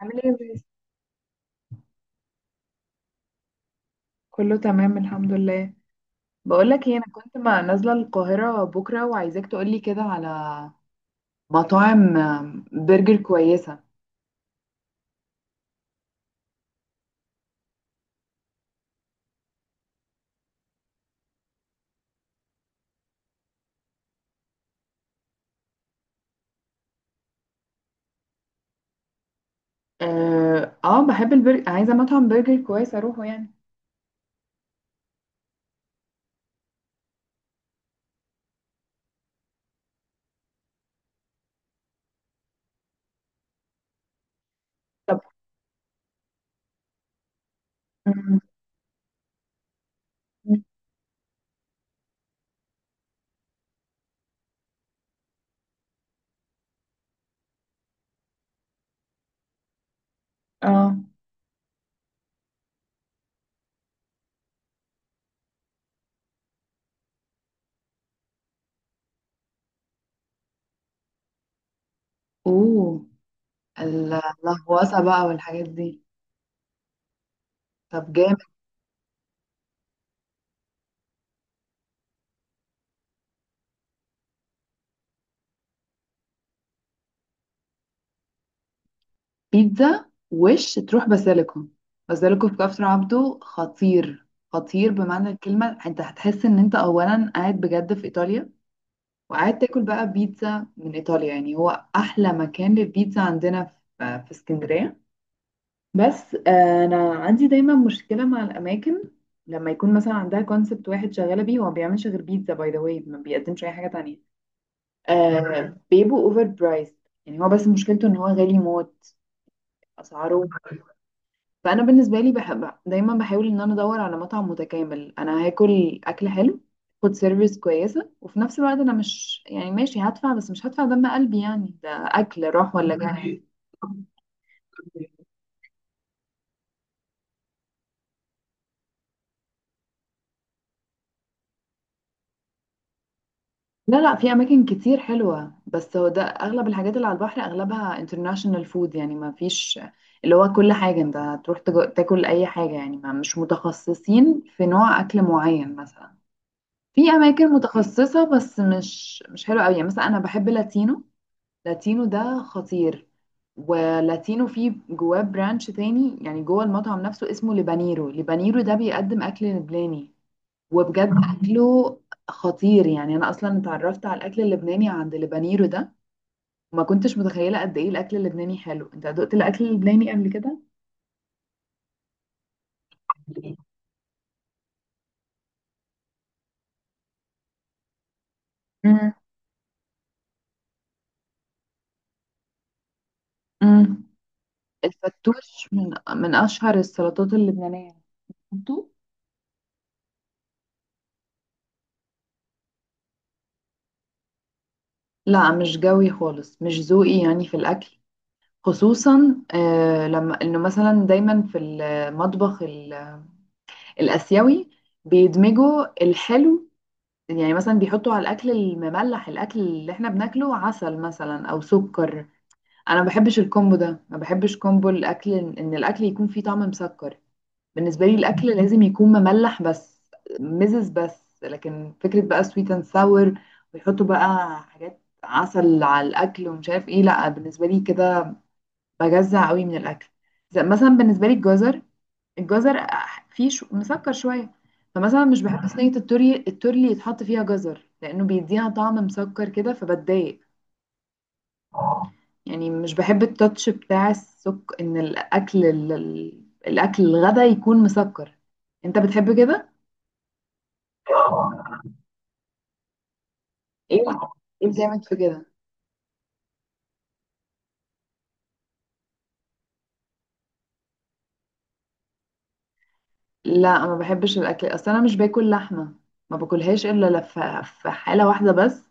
عامل ايه يا باسم؟ كله تمام الحمد لله. بقولك ايه، انا كنت ما نازله القاهره بكره وعايزاك تقولي كده على مطاعم برجر كويسه. بحب البرجر، عايزه مطعم برجر كويس اروحه يعني. طب. مم، اه. اوه، اللهوسه بقى والحاجات دي. طب جامد. بيتزا وش تروح باسيليكو. باسيليكو في كفر عبده خطير. خطير بمعنى الكلمه، انت هتحس ان انت اولا قاعد بجد في ايطاليا، وقعدت اكل بقى بيتزا من ايطاليا يعني. هو احلى مكان للبيتزا عندنا في اسكندريه. بس انا عندي دايما مشكله مع الاماكن، لما يكون مثلا عندها كونسبت واحد شغاله بيه، هو ما بيعملش غير بيتزا، باي ذا واي ما بيقدمش اي حاجه تانية. آه، بيبقوا اوفر برايس. يعني هو بس مشكلته ان هو غالي موت اسعاره. فانا بالنسبه لي بحب دايما، بحاول ان انا ادور على مطعم متكامل، انا هاكل اكل حلو، فود سيرفيس كويسه، وفي نفس الوقت انا مش يعني ماشي هدفع بس مش هدفع دم قلبي، يعني ده اكل راح ولا جاي. لا لا، في اماكن كتير حلوه، بس هو ده اغلب الحاجات اللي على البحر اغلبها انترناشونال فود، يعني ما فيش اللي هو كل حاجه. انت هتروح تاكل اي حاجه يعني، ما مش متخصصين في نوع اكل معين. مثلا في اماكن متخصصه بس مش حلوه قوي. يعني مثلا انا بحب لاتينو، لاتينو ده خطير. ولاتينو فيه جواه برانش تاني يعني جوه المطعم نفسه اسمه لبانيرو، لبانيرو ده بيقدم أكل لبناني، وبجد أكله خطير. يعني أنا أصلا اتعرفت على الأكل اللبناني عند لبانيرو ده، وما كنتش متخيلة قد إيه الأكل اللبناني حلو. أنت دقت الأكل اللبناني قبل كده؟ مم. مم. الفتوش من من أشهر السلطات اللبنانية. انتوا؟ لا، مش جوي خالص، مش ذوقي يعني في الأكل. خصوصا لما انه مثلا دايما في المطبخ الاسيوي بيدمجوا الحلو، يعني مثلا بيحطوا على الاكل المملح، الاكل اللي احنا بناكله، عسل مثلا او سكر. انا ما بحبش الكومبو ده، ما بحبش كومبو الاكل، ان الاكل يكون فيه طعم مسكر. بالنسبه لي الاكل لازم يكون مملح بس، مزز بس. لكن فكره بقى سويت اند ساور، ويحطوا بقى حاجات عسل على الاكل ومش عارف ايه، لا بالنسبه لي كده بجزع قوي من الاكل. زي مثلا بالنسبه لي الجزر، الجزر فيه شو مسكر شويه، فمثلا مش بحب صينيه التوري التورلي يتحط فيها جزر، لانه بيديها طعم مسكر كده فبتضايق. يعني مش بحب التاتش بتاع السك، ان الاكل الاكل الغدا يكون مسكر. انت بتحب كده؟ ايه؟ ايه الجامد في كده؟ لا، ما بحبش الاكل، اصل انا مش باكل لحمه، ما باكلهاش الا في حاله واحده بس،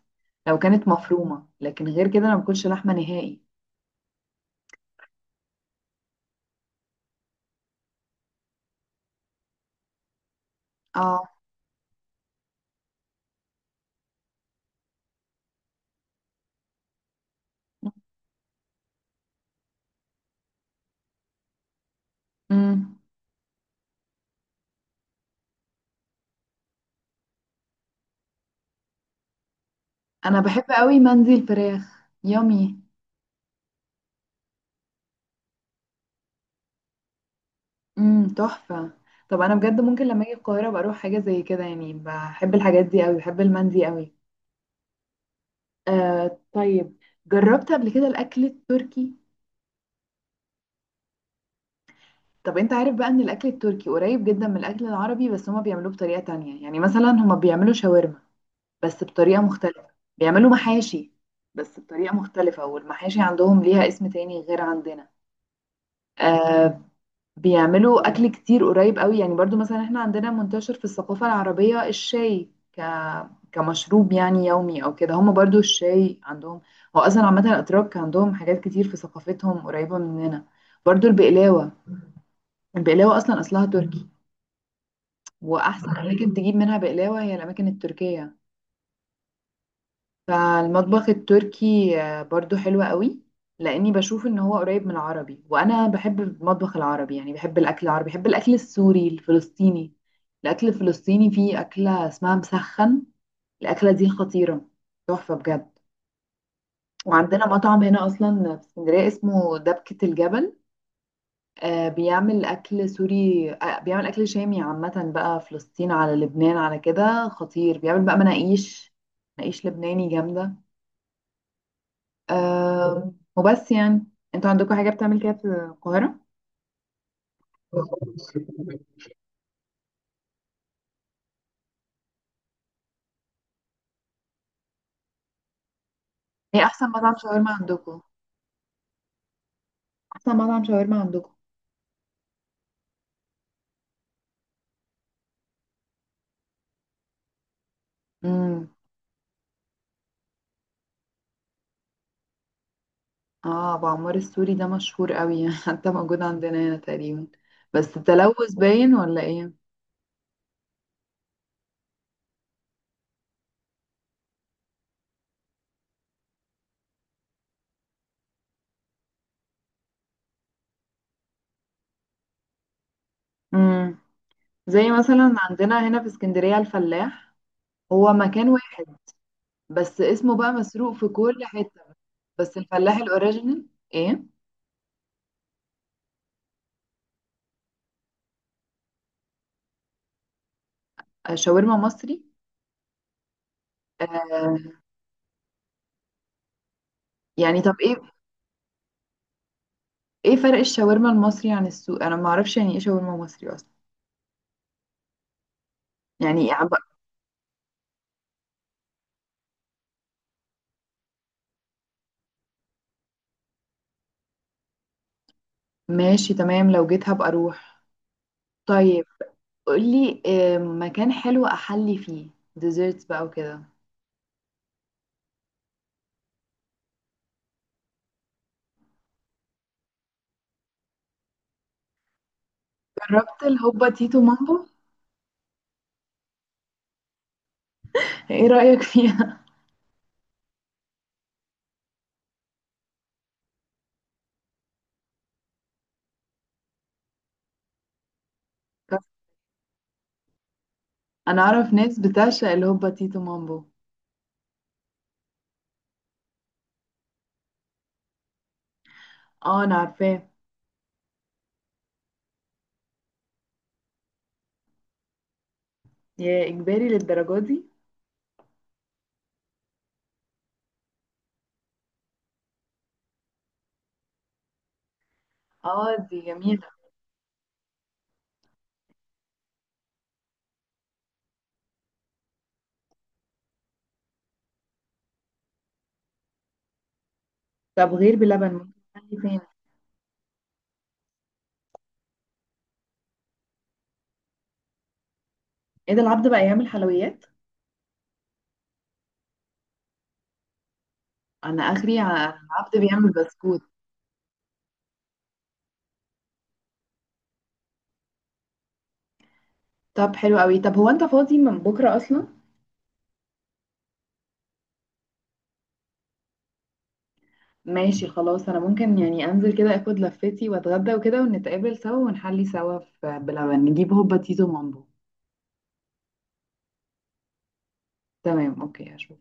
لو كانت مفرومه، لكن غير كده انا ما باكلش لحمه نهائي. اه. امم. انا بحب قوي مندي الفراخ، يامي. امم، تحفه. طب انا بجد ممكن لما اجي القاهره ابقى اروح حاجه زي كده يعني، بحب الحاجات دي قوي، بحب المندي قوي. آه طيب. جربت قبل كده الاكل التركي؟ طب انت عارف بقى ان الاكل التركي قريب جدا من الاكل العربي، بس هما بيعملوه بطريقه تانية. يعني مثلا هما بيعملوا شاورما بس بطريقه مختلفه، بيعملوا محاشي بس بطريقه مختلفه، والمحاشي عندهم ليها اسم تاني غير عندنا. آه، بيعملوا اكل كتير قريب قوي. يعني برضو مثلا احنا عندنا منتشر في الثقافة العربية الشاي كمشروب يعني يومي او كده، هم برضو الشاي عندهم. هو اصلا عامة الاتراك عندهم حاجات كتير في ثقافتهم قريبة مننا. برضو البقلاوة، البقلاوة اصلا اصلها تركي، واحسن اماكن تجيب منها بقلاوة هي الاماكن التركية. فالمطبخ التركي برضو حلو قوي، لاني بشوف ان هو قريب من العربي، وانا بحب المطبخ العربي، يعني بحب الاكل العربي، بحب الاكل السوري الفلسطيني. الاكل الفلسطيني فيه اكله اسمها مسخن، الاكله دي خطيره، تحفه بجد. وعندنا مطعم هنا اصلا في اسكندريه اسمه دبكه الجبل، آه بيعمل اكل سوري، آه بيعمل اكل شامي عامه بقى، فلسطين على لبنان على كده، خطير. بيعمل بقى مناقيش، مناقيش لبناني جامده. أه وبس يعني. انتوا عندكم حاجة بتعمل كده في القاهرة؟ ايه احسن مطعم شاورما عندكم؟ احسن مطعم شاورما عندكم. امم. اه، ابو عمار السوري ده مشهور قوي حتى موجود عندنا هنا تقريبا، بس التلوث باين ولا ايه؟ امم. زي مثلا عندنا هنا في اسكندرية الفلاح، هو مكان واحد بس اسمه بقى مسروق في كل حتة. بس الفلاح الاوريجينال. ايه؟ شاورما مصري. آه. يعني طب ايه؟ ايه فرق الشاورما المصري عن السوق، انا ما اعرفش يعني ايه شاورما مصري اصلا. يعني إيه أبقى-؟ ماشي تمام، لو جيت هبقى اروح. طيب قولي مكان حلو احلي فيه، ديزرتس بقى وكده. جربت الهوبا تيتو مامبو؟ ايه رأيك فيها؟ انا اعرف ناس بتعشق الهوبا تيتو مامبو. اه انا عارفاه. يا اجباري للدرجه دي؟ اه دي جميله. طب غير بلبن ممكن احلي فين؟ ايه ده، العبد بقى يعمل حلويات؟ انا اخري العبد بيعمل بسكوت. طب حلو قوي. طب هو انت فاضي من بكرة اصلا؟ ماشي خلاص، انا ممكن يعني انزل كده اخد لفتي واتغدى وكده، ونتقابل سوا ونحلي سوا في بلبن، نجيب هوبا تيتو مامبو. تمام، اوكي، هشوف.